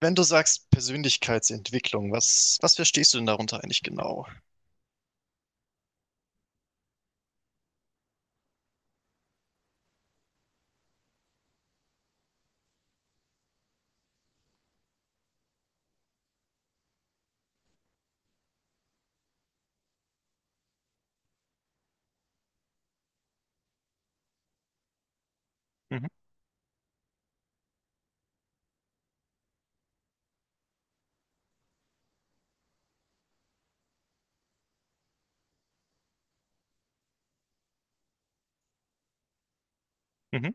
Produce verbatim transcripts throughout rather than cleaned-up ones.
Wenn du sagst Persönlichkeitsentwicklung, was, was verstehst du denn darunter eigentlich genau? Mhm, mhm,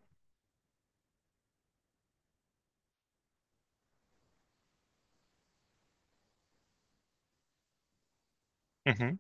mhm.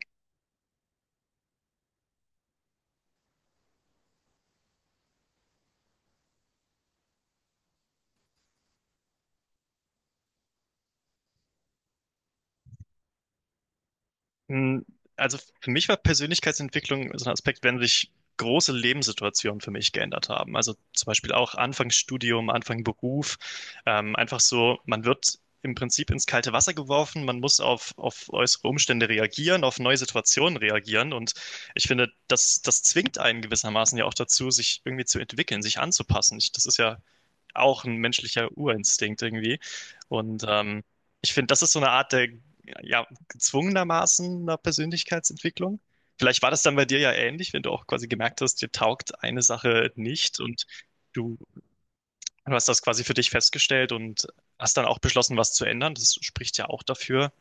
Mm, Also für mich war Persönlichkeitsentwicklung so ein Aspekt, wenn sich große Lebenssituationen für mich geändert haben. Also zum Beispiel auch Anfang Studium, Anfang Beruf. Ähm, einfach so, man wird im Prinzip ins kalte Wasser geworfen, man muss auf, auf äußere Umstände reagieren, auf neue Situationen reagieren. Und ich finde, das, das zwingt einen gewissermaßen ja auch dazu, sich irgendwie zu entwickeln, sich anzupassen. Ich, das ist ja auch ein menschlicher Urinstinkt irgendwie. Und ähm, ich finde, das ist so eine Art der ja, gezwungenermaßen einer Persönlichkeitsentwicklung. Vielleicht war das dann bei dir ja ähnlich, wenn du auch quasi gemerkt hast, dir taugt eine Sache nicht und du, du hast das quasi für dich festgestellt und hast dann auch beschlossen, was zu ändern. Das spricht ja auch dafür,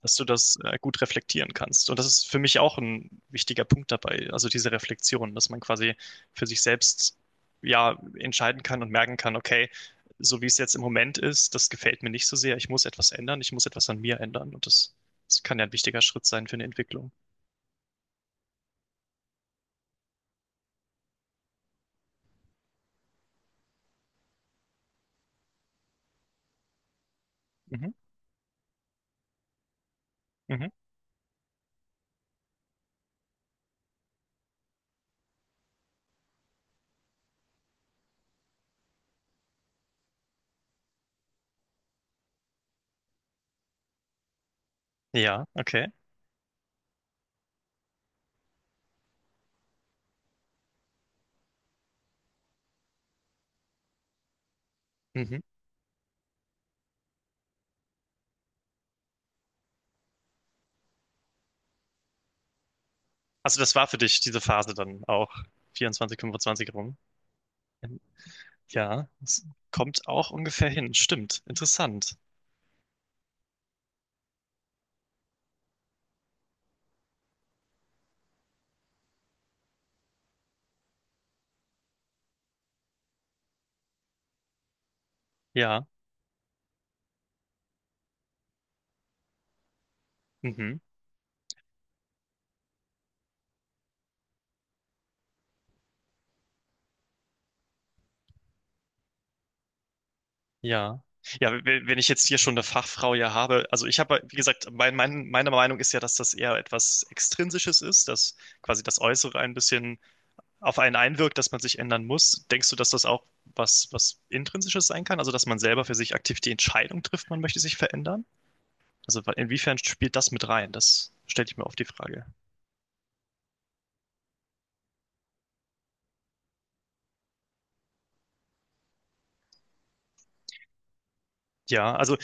dass du das äh, gut reflektieren kannst. Und das ist für mich auch ein wichtiger Punkt dabei, also diese Reflexion, dass man quasi für sich selbst ja entscheiden kann und merken kann, okay, so wie es jetzt im Moment ist, das gefällt mir nicht so sehr. Ich muss etwas ändern, ich muss etwas an mir ändern. Und das, das kann ja ein wichtiger Schritt sein für eine Entwicklung. Mhm. Mhm. Ja, okay. Mhm. Also das war für dich diese Phase dann auch vierundzwanzig fünfundzwanzig rum. Ähm, Ja, es kommt auch ungefähr hin. Stimmt. Interessant. Ja. Mhm. Ja. Ja, we- wenn ich jetzt hier schon eine Fachfrau ja habe, also ich habe, wie gesagt, mein, mein, meine Meinung ist ja, dass das eher etwas Extrinsisches ist, dass quasi das Äußere ein bisschen auf einen einwirkt, dass man sich ändern muss. Denkst du, dass das auch was, was Intrinsisches sein kann? Also, dass man selber für sich aktiv die Entscheidung trifft, man möchte sich verändern? Also, inwiefern spielt das mit rein? Das stelle ich mir oft die Frage. Ja, also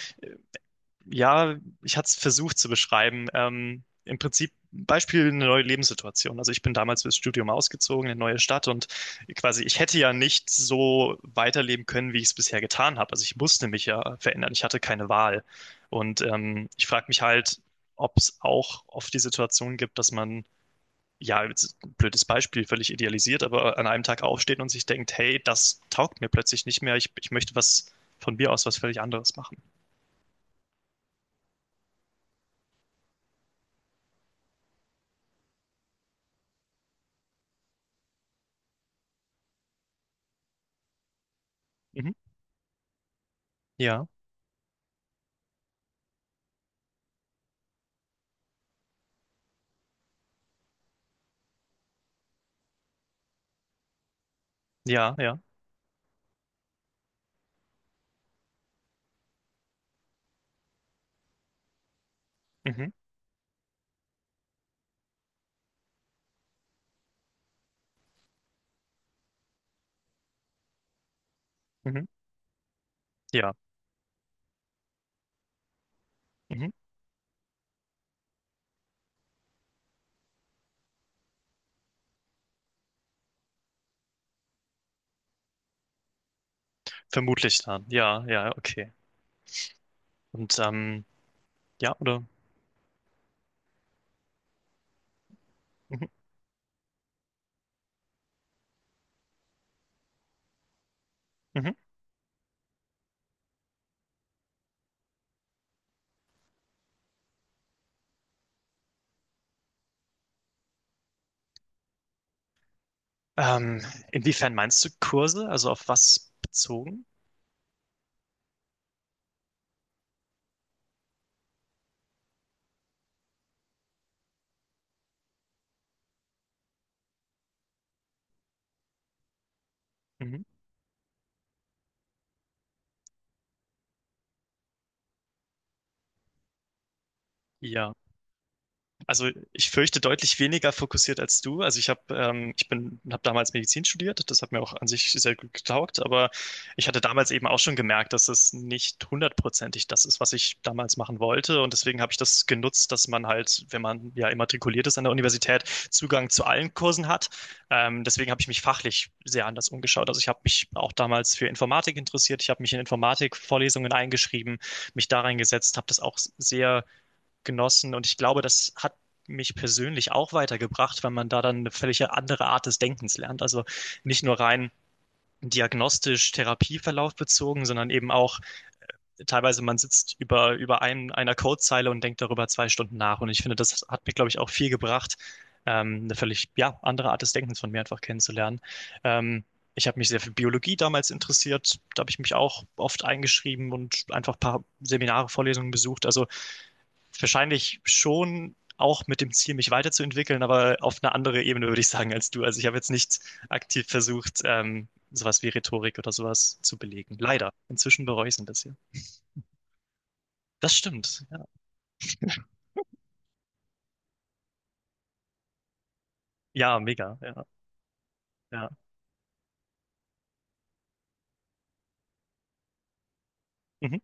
ja, ich hatte es versucht zu beschreiben. Ähm, im Prinzip Beispiel eine neue Lebenssituation. Also ich bin damals fürs Studium ausgezogen in eine neue Stadt und quasi ich hätte ja nicht so weiterleben können, wie ich es bisher getan habe. Also ich musste mich ja verändern. Ich hatte keine Wahl. Und ähm, ich frage mich halt, ob es auch oft die Situation gibt, dass man ja, jetzt ein blödes Beispiel, völlig idealisiert, aber an einem Tag aufsteht und sich denkt, hey, das taugt mir plötzlich nicht mehr, ich, ich möchte was von mir aus was völlig anderes machen. Mhm. Ja, ja, ja. Mhm, mhm, ja, mhm. Vermutlich dann. Ja, ja, okay. Und ähm, ja, oder? Mhm, mhm. Ähm, inwiefern meinst du Kurse? Also auf was bezogen? Mhm. Ja. Also ich fürchte deutlich weniger fokussiert als du. Also ich habe ähm, ich bin habe damals Medizin studiert. Das hat mir auch an sich sehr gut getaugt. Aber ich hatte damals eben auch schon gemerkt, dass es nicht hundertprozentig das ist, was ich damals machen wollte. Und deswegen habe ich das genutzt, dass man halt, wenn man ja immatrikuliert ist an der Universität, Zugang zu allen Kursen hat. Ähm, deswegen habe ich mich fachlich sehr anders umgeschaut. Also ich habe mich auch damals für Informatik interessiert. Ich habe mich in Informatikvorlesungen eingeschrieben, mich da reingesetzt, habe das auch sehr genossen. Und ich glaube, das hat mich persönlich auch weitergebracht, weil man da dann eine völlig andere Art des Denkens lernt. Also nicht nur rein diagnostisch Therapieverlauf bezogen, sondern eben auch teilweise man sitzt über, über einem, einer Codezeile und denkt darüber zwei Stunden nach. Und ich finde, das hat mir, glaube ich, auch viel gebracht, ähm, eine völlig, ja, andere Art des Denkens von mir einfach kennenzulernen. Ähm, ich habe mich sehr für Biologie damals interessiert. Da habe ich mich auch oft eingeschrieben und einfach ein paar Seminare, Vorlesungen besucht. Also wahrscheinlich schon auch mit dem Ziel, mich weiterzuentwickeln, aber auf eine andere Ebene, würde ich sagen, als du. Also ich habe jetzt nicht aktiv versucht, ähm, sowas wie Rhetorik oder sowas zu belegen. Leider. Inzwischen bereue ich es ein bisschen. Das stimmt. Ja, ja mega. Ja, ja. Mhm.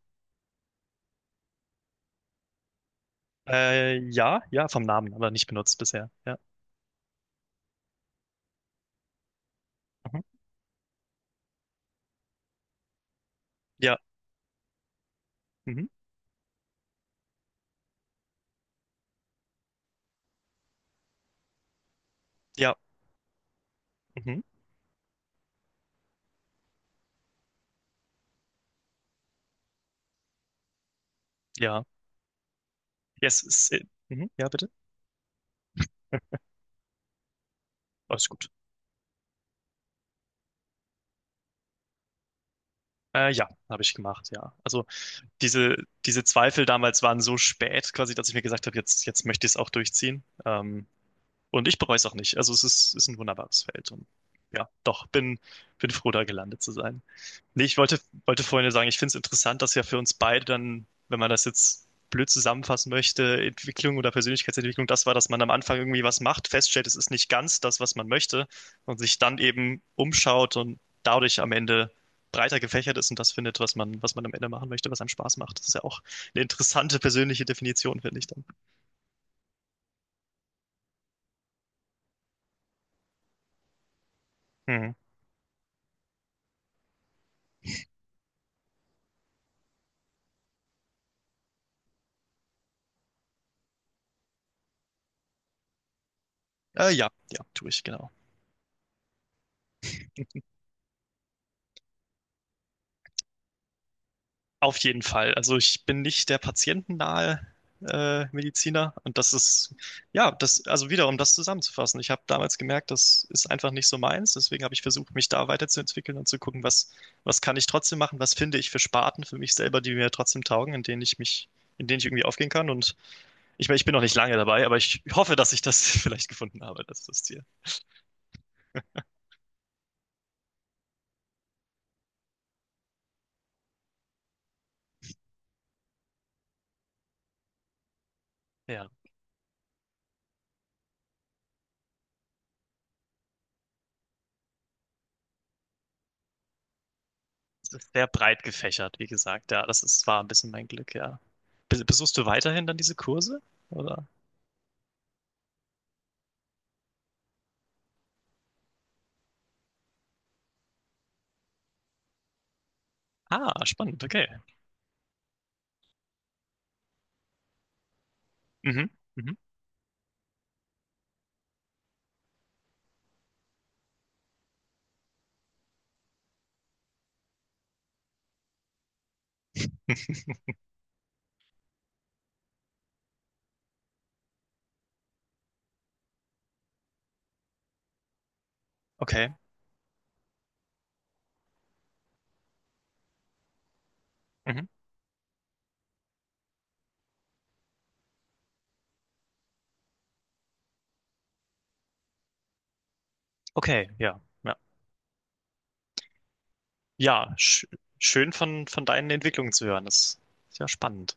Äh, ja, ja, vom Namen, aber nicht benutzt bisher. Ja. Mhm. Ja. Mhm. Ja. Mhm. Ja. Yes. Ist, äh, mhm. Ja, bitte. Alles gut. Äh, ja, habe ich gemacht, ja. Also diese, diese Zweifel damals waren so spät, quasi, dass ich mir gesagt habe, jetzt, jetzt möchte ich es auch durchziehen. Ähm, und ich bereue es auch nicht. Also es ist, ist ein wunderbares Feld. Und ja, doch, bin, bin froh, da gelandet zu sein. Nee, ich wollte, wollte vorhin nur sagen, ich finde es interessant, dass ja für uns beide dann, wenn man das jetzt blöd zusammenfassen möchte, Entwicklung oder Persönlichkeitsentwicklung, das war, dass man am Anfang irgendwie was macht, feststellt, es ist nicht ganz das, was man möchte und sich dann eben umschaut und dadurch am Ende breiter gefächert ist und das findet, was man, was man am Ende machen möchte, was einem Spaß macht. Das ist ja auch eine interessante persönliche Definition, finde ich dann. Mhm. Äh, ja, ja, tue ich, genau. Auf jeden Fall. Also ich bin nicht der patientennahe äh, Mediziner und das ist, ja, das, also wieder, um das zusammenzufassen. Ich habe damals gemerkt, das ist einfach nicht so meins. Deswegen habe ich versucht, mich da weiterzuentwickeln und zu gucken, was, was kann ich trotzdem machen, was finde ich für Sparten für mich selber, die mir trotzdem taugen, in denen ich mich, in denen ich irgendwie aufgehen kann. Und ich meine, ich bin noch nicht lange dabei, aber ich hoffe, dass ich das vielleicht gefunden habe. Das ist das Ziel. Ja, es ist sehr breit gefächert, wie gesagt. Ja, das ist, war ein bisschen mein Glück, ja. Be- Besuchst du weiterhin dann diese Kurse? Oder? Ah, spannend, okay. Mhm, mhm, okay, mhm, okay, ja, ja. Ja, sch schön von, von deinen Entwicklungen zu hören. Das ist ja spannend.